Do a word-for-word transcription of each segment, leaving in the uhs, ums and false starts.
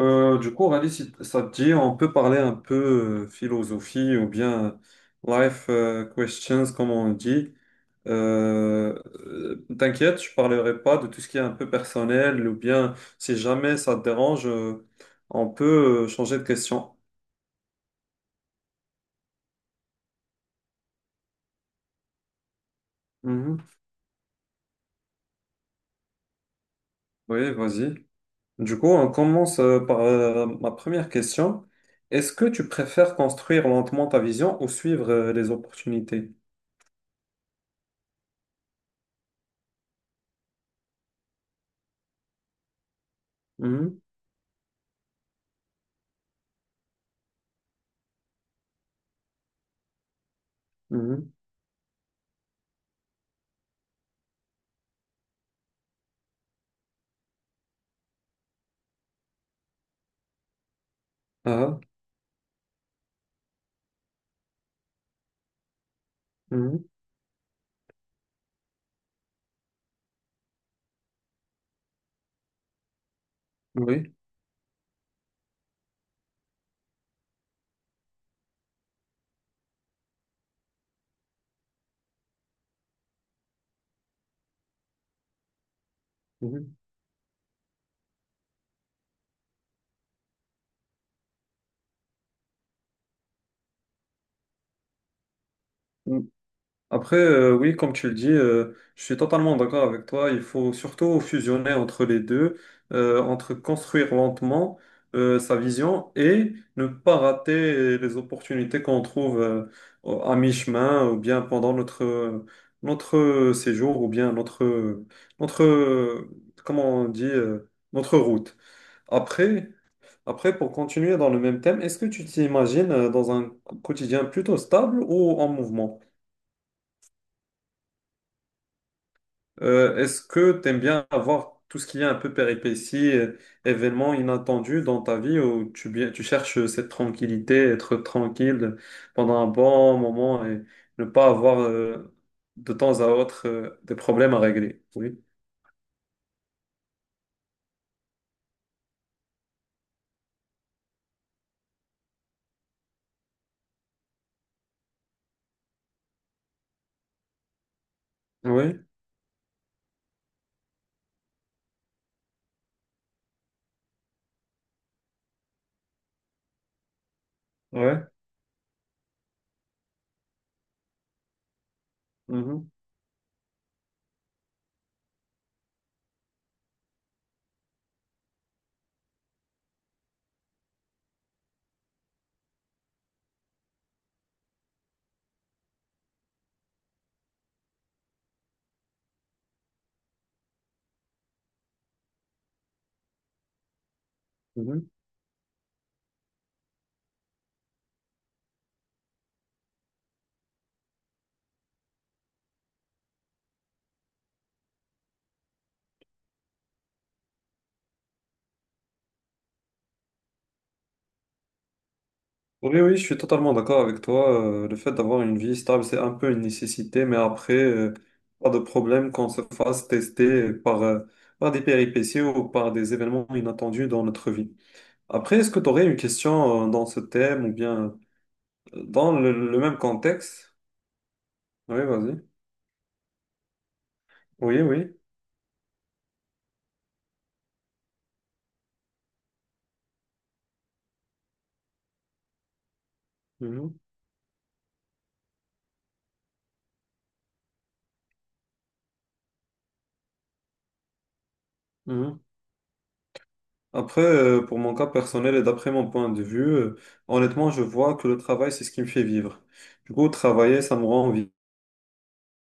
Euh, du coup, Rally, si t- ça te dit, on peut parler un peu euh, philosophie ou bien euh, life euh, questions, comme on dit. Euh, euh, T'inquiète, je parlerai pas de tout ce qui est un peu personnel ou bien si jamais ça te dérange, euh, on peut euh, changer de question. Mhm. Oui, vas-y. Du coup, on commence euh, par euh, ma première question. Est-ce que tu préfères construire lentement ta vision ou suivre euh, les opportunités? Mhm, mhm. Ah, mhm, oui. Mhm. Mm. Après, euh, oui, comme tu le dis, euh, je suis totalement d'accord avec toi. Il faut surtout fusionner entre les deux, euh, entre construire lentement euh, sa vision et ne pas rater les opportunités qu'on trouve euh, au- à mi-chemin ou bien pendant notre, notre séjour ou bien notre, notre, comment on dit, euh, notre route. Après, après, pour continuer dans le même thème, est-ce que tu t'imagines euh, dans un quotidien plutôt stable ou en mouvement? Euh, est-ce que tu aimes bien avoir tout ce qui est un peu péripéties, euh, événements inattendus dans ta vie où tu, bien, tu cherches cette tranquillité, être tranquille pendant un bon moment et ne pas avoir euh, de temps à autre euh, des problèmes à régler? Oui. Oui, ouais. Mhm. Mhm. Oui, oui, je suis totalement d'accord avec toi. Euh, le fait d'avoir une vie stable, c'est un peu une nécessité, mais après, euh, pas de problème qu'on se fasse tester par, euh, par des péripéties ou par des événements inattendus dans notre vie. Après, est-ce que tu aurais une question, euh, dans ce thème ou bien euh, dans le, le même contexte? Oui, vas-y. Oui, oui. Mhm, mhm. Après, euh, pour mon cas personnel et d'après mon point de vue, euh, honnêtement, je vois que le travail, c'est ce qui me fait vivre. Du coup, travailler, ça me rend vivant.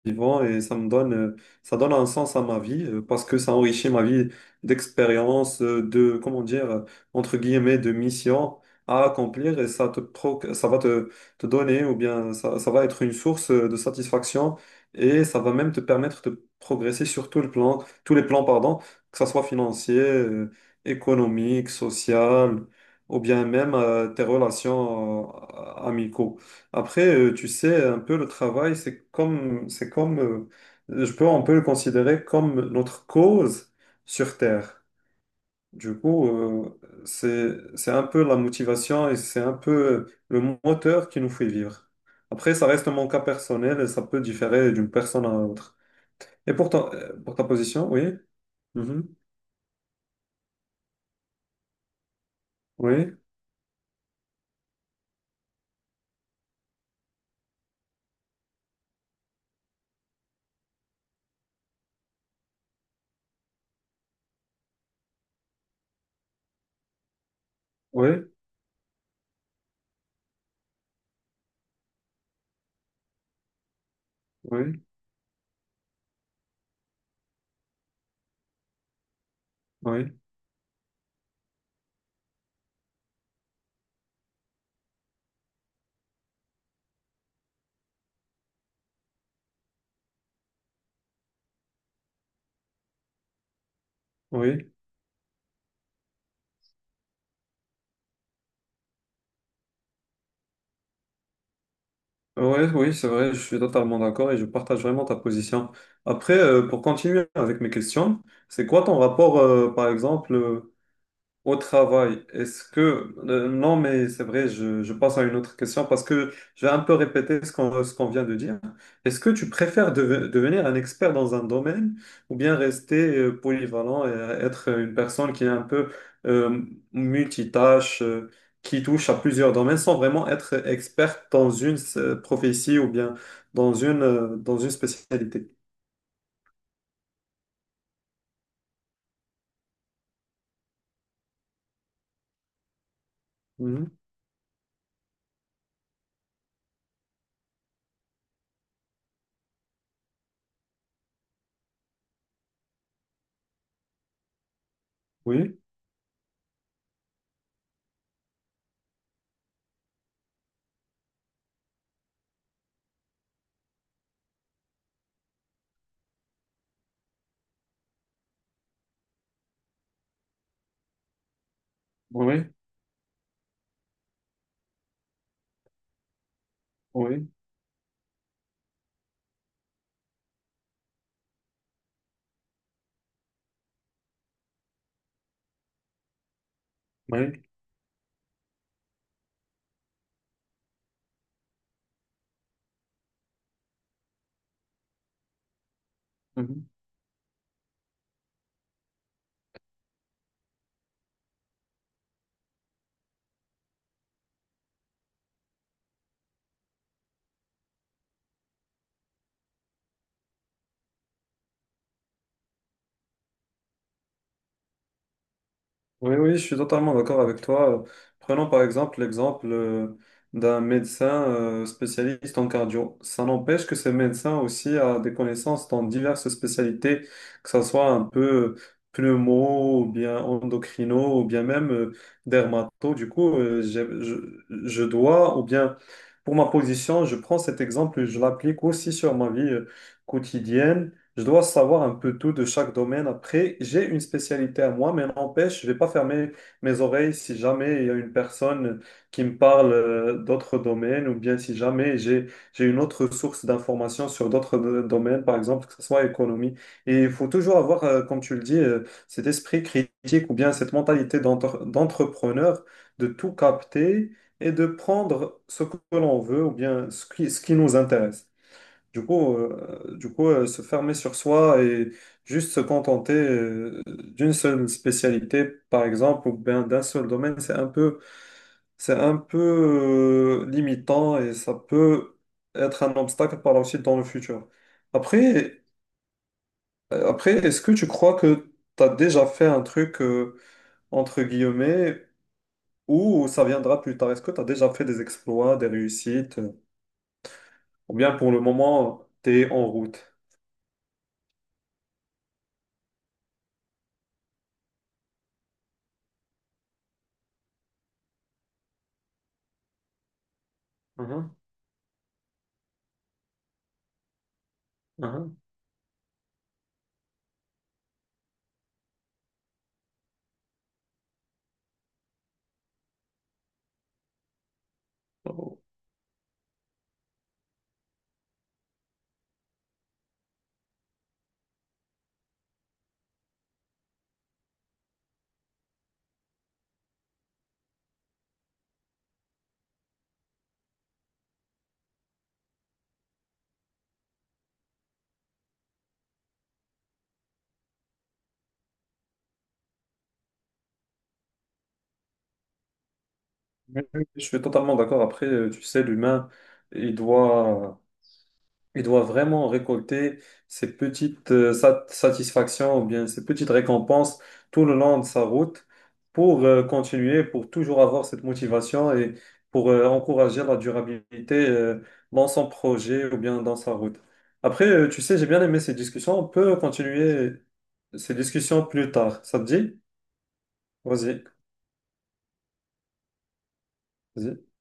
Vivant et ça me donne, euh, ça donne un sens à ma vie euh, parce que ça enrichit ma vie d'expérience, euh, de, comment dire, euh, entre guillemets, de mission à accomplir et ça te proc- ça va te, te donner ou bien ça, ça va être une source euh, de satisfaction et ça va même te permettre de progresser sur tout le plan, tous les plans, pardon, que ça soit financier, euh, économique, social ou bien même euh, tes relations euh, amicaux. Après, euh, tu sais, un peu le travail, c'est comme, c'est comme, euh, je peux un peu le considérer comme notre cause sur Terre. Du coup, euh, c'est, c'est un peu la motivation et c'est un peu le moteur qui nous fait vivre. Après, ça reste mon cas personnel et ça peut différer d'une personne à l'autre. Et pour ta, euh, pour ta position, oui, mhm, oui, oui, oui, oui, oui. Ouais, oui, c'est vrai, je suis totalement d'accord et je partage vraiment ta position. Après, euh, pour continuer avec mes questions, c'est quoi ton rapport, euh, par exemple, euh, au travail, est-ce que... euh, non, mais c'est vrai, je, je passe à une autre question parce que je vais un peu répéter ce qu'on ce qu'on vient de dire. Est-ce que tu préfères deve- devenir un expert dans un domaine ou bien rester euh, polyvalent et être une personne qui est un peu euh, multitâche, euh, qui touche à plusieurs domaines sans vraiment être experte dans une euh, prophétie ou bien dans une, euh, dans une spécialité? Mhm. Oui, oui, oui, oui. Oui, oui, je suis totalement d'accord avec toi. Prenons par exemple l'exemple euh, d'un médecin euh, spécialiste en cardio. Ça n'empêche que ce médecin aussi a des connaissances dans diverses spécialités, que ce soit un peu euh, pneumo, ou bien endocrino, ou bien même euh, dermato. Du coup, euh, j'ai- je, je dois, ou bien pour ma position, je prends cet exemple et je l'applique aussi sur ma vie euh, quotidienne. Je dois savoir un peu tout de chaque domaine. Après, j'ai une spécialité à moi, mais n'empêche, je vais pas fermer mes oreilles si jamais il y a une personne qui me parle euh, d'autres domaines ou bien si jamais j'ai j'ai une autre source d'informations sur d'autres do- domaines, par exemple, que ce soit économie. Et il faut toujours avoir, euh, comme tu le dis, euh, cet esprit critique ou bien cette mentalité d'entre- d'entrepreneur de tout capter et de prendre ce que l'on veut ou bien ce qui, ce qui nous intéresse. Du coup, euh, du coup euh, se fermer sur soi et juste se contenter euh, d'une seule spécialité, par exemple, ou bien d'un seul domaine, c'est un peu, c'est un peu euh, limitant et ça peut être un obstacle par la suite dans le futur. Après, euh, après, est-ce que tu crois que tu as déjà fait un truc, euh, entre guillemets, ou ça viendra plus tard? Est-ce que tu as déjà fait des exploits, des réussites, euh, ou bien pour le moment, tu es en route? Mhm, mhm. Oui, oui, je suis totalement d'accord. Après, euh, tu sais, l'humain, il doit, il doit vraiment récolter ces petites euh, sat- satisfactions ou bien ces petites récompenses tout le long de sa route pour euh, continuer, pour toujours avoir cette motivation et pour euh, encourager la durabilité euh, dans son projet ou bien dans sa route. Après, euh, tu sais, j'ai bien aimé ces discussions. On peut continuer ces discussions plus tard. Ça te dit? Vas-y, vas-y.